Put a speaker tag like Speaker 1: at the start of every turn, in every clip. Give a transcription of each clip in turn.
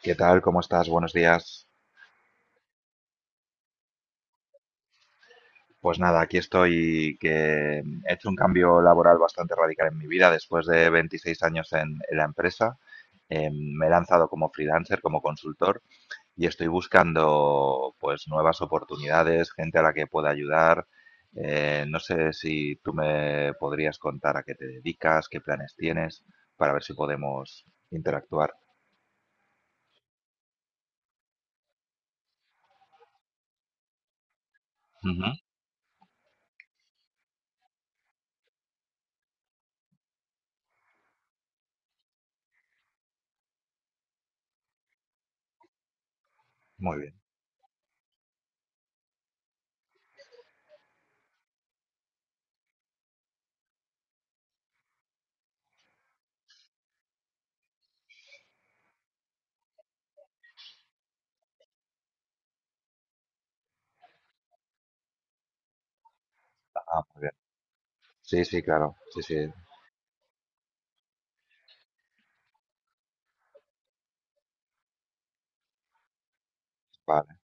Speaker 1: ¿Qué tal? ¿Cómo estás? Buenos días. Pues nada, aquí estoy que he hecho un cambio laboral bastante radical en mi vida después de 26 años en la empresa. Me he lanzado como freelancer, como consultor y estoy buscando pues nuevas oportunidades, gente a la que pueda ayudar. No sé si tú me podrías contar a qué te dedicas, qué planes tienes, para ver si podemos interactuar. Ujú. Muy bien. Ah, muy bien. Sí, sí, claro. Sí, sí. Vale.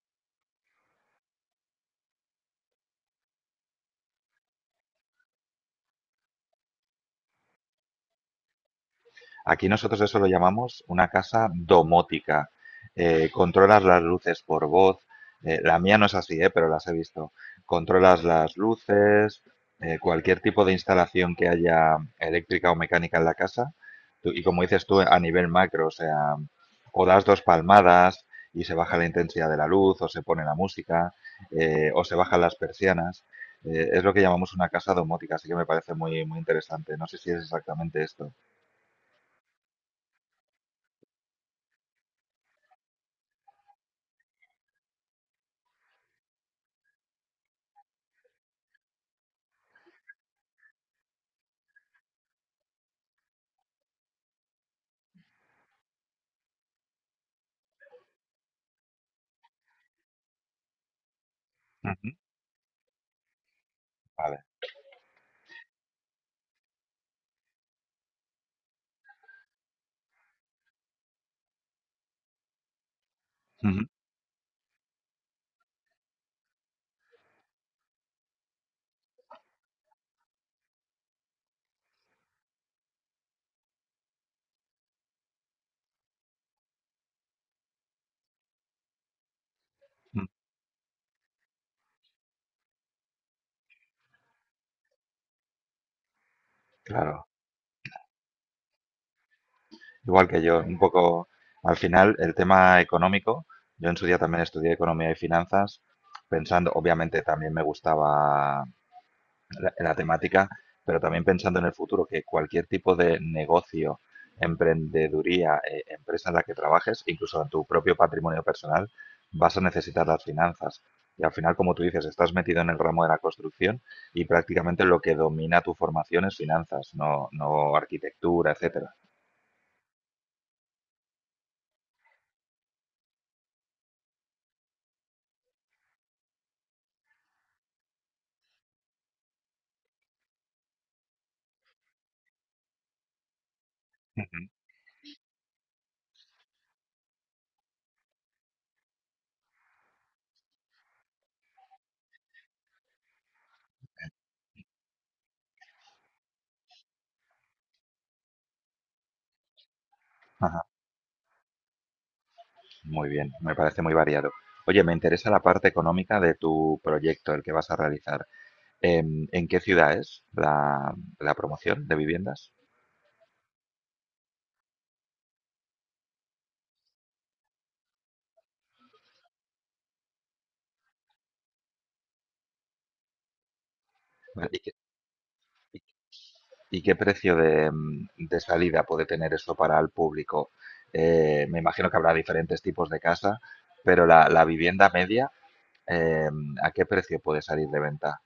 Speaker 1: Aquí nosotros eso lo llamamos una casa domótica. Controlas las luces por voz. La mía no es así, pero las he visto. Controlas las luces, cualquier tipo de instalación que haya eléctrica o mecánica en la casa. Y como dices tú, a nivel macro, o sea, o das dos palmadas y se baja la intensidad de la luz, o se pone la música, o se bajan las persianas. Es lo que llamamos una casa domótica, así que me parece muy, muy interesante. No sé si es exactamente esto. Ujú. Vale. Ujú, ujú. Claro, igual que yo, un poco al final el tema económico, yo en su día también estudié economía y finanzas, pensando, obviamente también me gustaba la temática, pero también pensando en el futuro que cualquier tipo de negocio, emprendeduría, empresa en la que trabajes, incluso en tu propio patrimonio personal, vas a necesitar las finanzas. Y al final, como tú dices, estás metido en el ramo de la construcción y prácticamente lo que domina tu formación es finanzas, no, no arquitectura, etcétera. Ujú. Ajá, muy bien, me parece muy variado. Oye, me interesa la parte económica de tu proyecto, el que vas a realizar. ¿En qué ciudad es la promoción de viviendas? Vale. ¿Y qué, y- y qué precio de, de salida puede tener eso para el público? Me imagino que habrá diferentes tipos de casa, pero la vivienda media, ¿a qué precio puede salir de venta?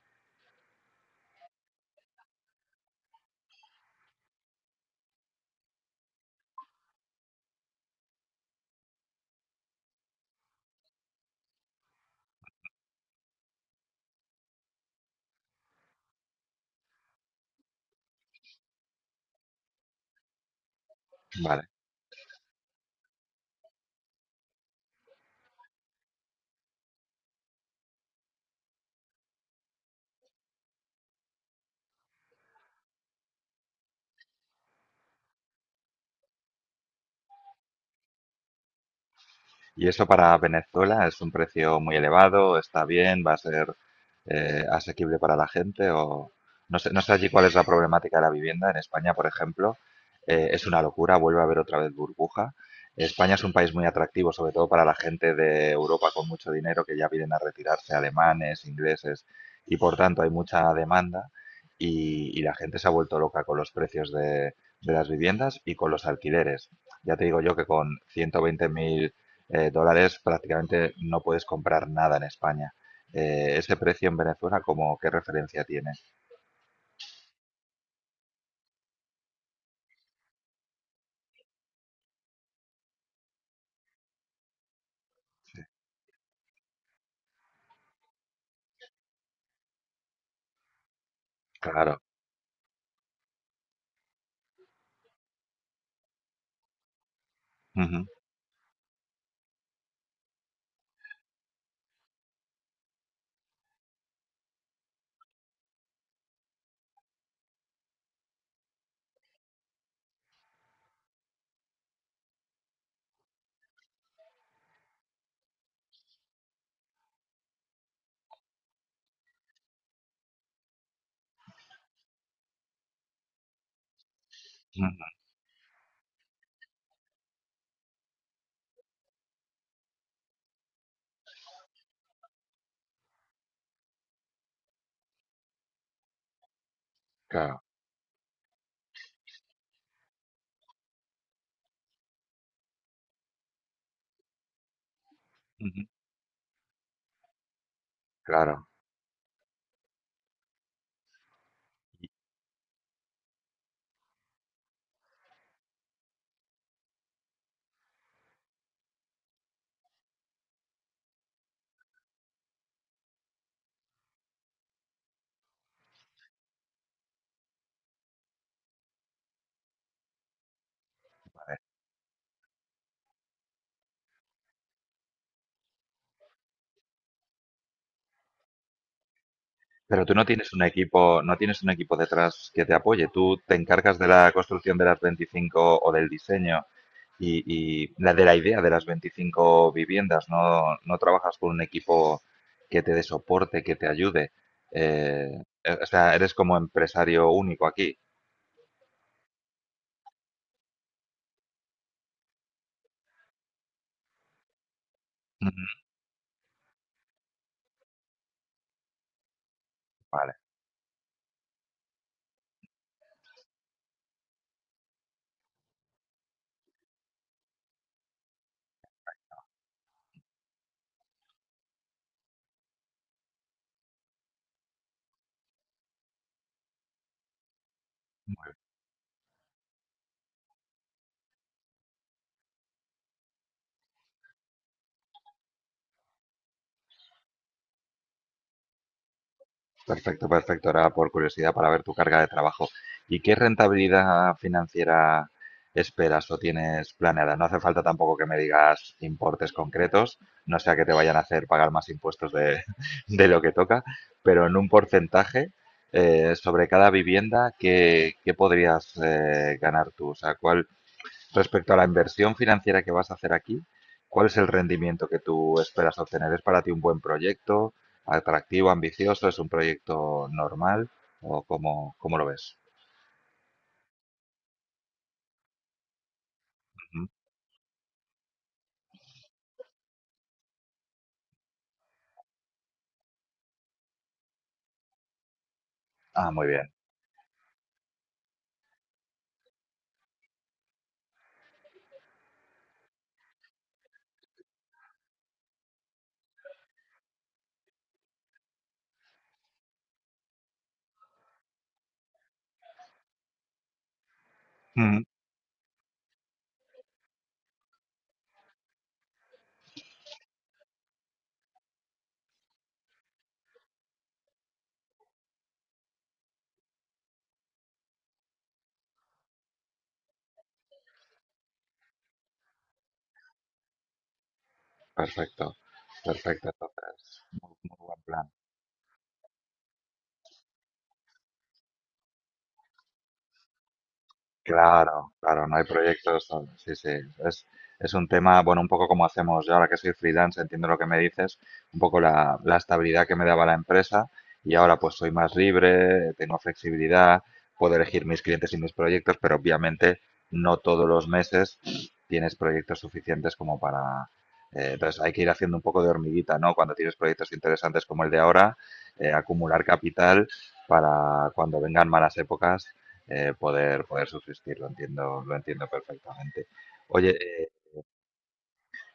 Speaker 1: Vale. Y eso para Venezuela es un precio muy elevado, está bien, va a ser asequible para la gente o no sé, no sé allí cuál es la problemática de la vivienda. En España, por ejemplo, es una locura, vuelve a haber otra vez burbuja. España es un país muy atractivo, sobre todo para la gente de Europa con mucho dinero que ya vienen a retirarse, alemanes, ingleses, y por tanto hay mucha demanda y la gente se ha vuelto loca con los precios de las viviendas y con los alquileres. Ya te digo yo que con 120,000 dólares prácticamente no puedes comprar nada en España. Ese precio en Venezuela, ¿cómo qué referencia tiene? Claro, ujú, ujú, claro, ujú, claro. Y, vale. Pero tú no tienes un equipo, no tienes un equipo detrás que te apoye. Tú te encargas de la construcción de las 25 o del diseño y, y la de la idea de las 25 viviendas. No, no trabajas con un equipo que te dé soporte, que te ayude. O sea, eres como empresario único aquí. Ujú. Vale. Perfecto, perfecto. Ahora, por curiosidad, para ver tu carga de trabajo. ¿Y qué rentabilidad financiera esperas o tienes planeada? No hace falta tampoco que me digas importes concretos, no sea que te vayan a hacer pagar más impuestos de, de lo que toca, pero en un porcentaje sobre cada vivienda, ¿qué, qué podrías ganar tú? O sea, ¿cuál respecto a la inversión financiera que vas a hacer aquí, ¿cuál es el rendimiento que tú esperas obtener? ¿Es para ti un buen proyecto, atractivo, ambicioso? ¿Es un proyecto normal? ¿O cómo, cómo lo ves? Ujú. Ah, muy bien. Ujú. Perfecto, perfecto. Entonces, muy, muy buen plan. Claro, claro, no hay proyectos. Sí, sí, es, es un tema, bueno, un poco como hacemos yo ahora que soy freelance, entiendo lo que me dices, un poco la estabilidad que me daba la empresa y ahora pues soy más libre, tengo flexibilidad, puedo elegir mis clientes y mis proyectos, pero obviamente no todos los meses tienes proyectos suficientes como para... entonces hay que ir haciendo un poco de hormiguita, ¿no? Cuando tienes proyectos interesantes como el de ahora, acumular capital para cuando vengan malas épocas poder, poder subsistir, lo entiendo perfectamente. Oye, eh,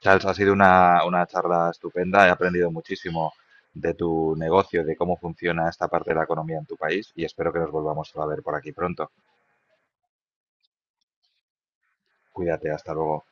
Speaker 1: Charles, ha sido una charla estupenda, he aprendido muchísimo de tu negocio, de cómo funciona esta parte de la economía en tu país y espero que nos volvamos a ver por aquí pronto. Cuídate, hasta luego.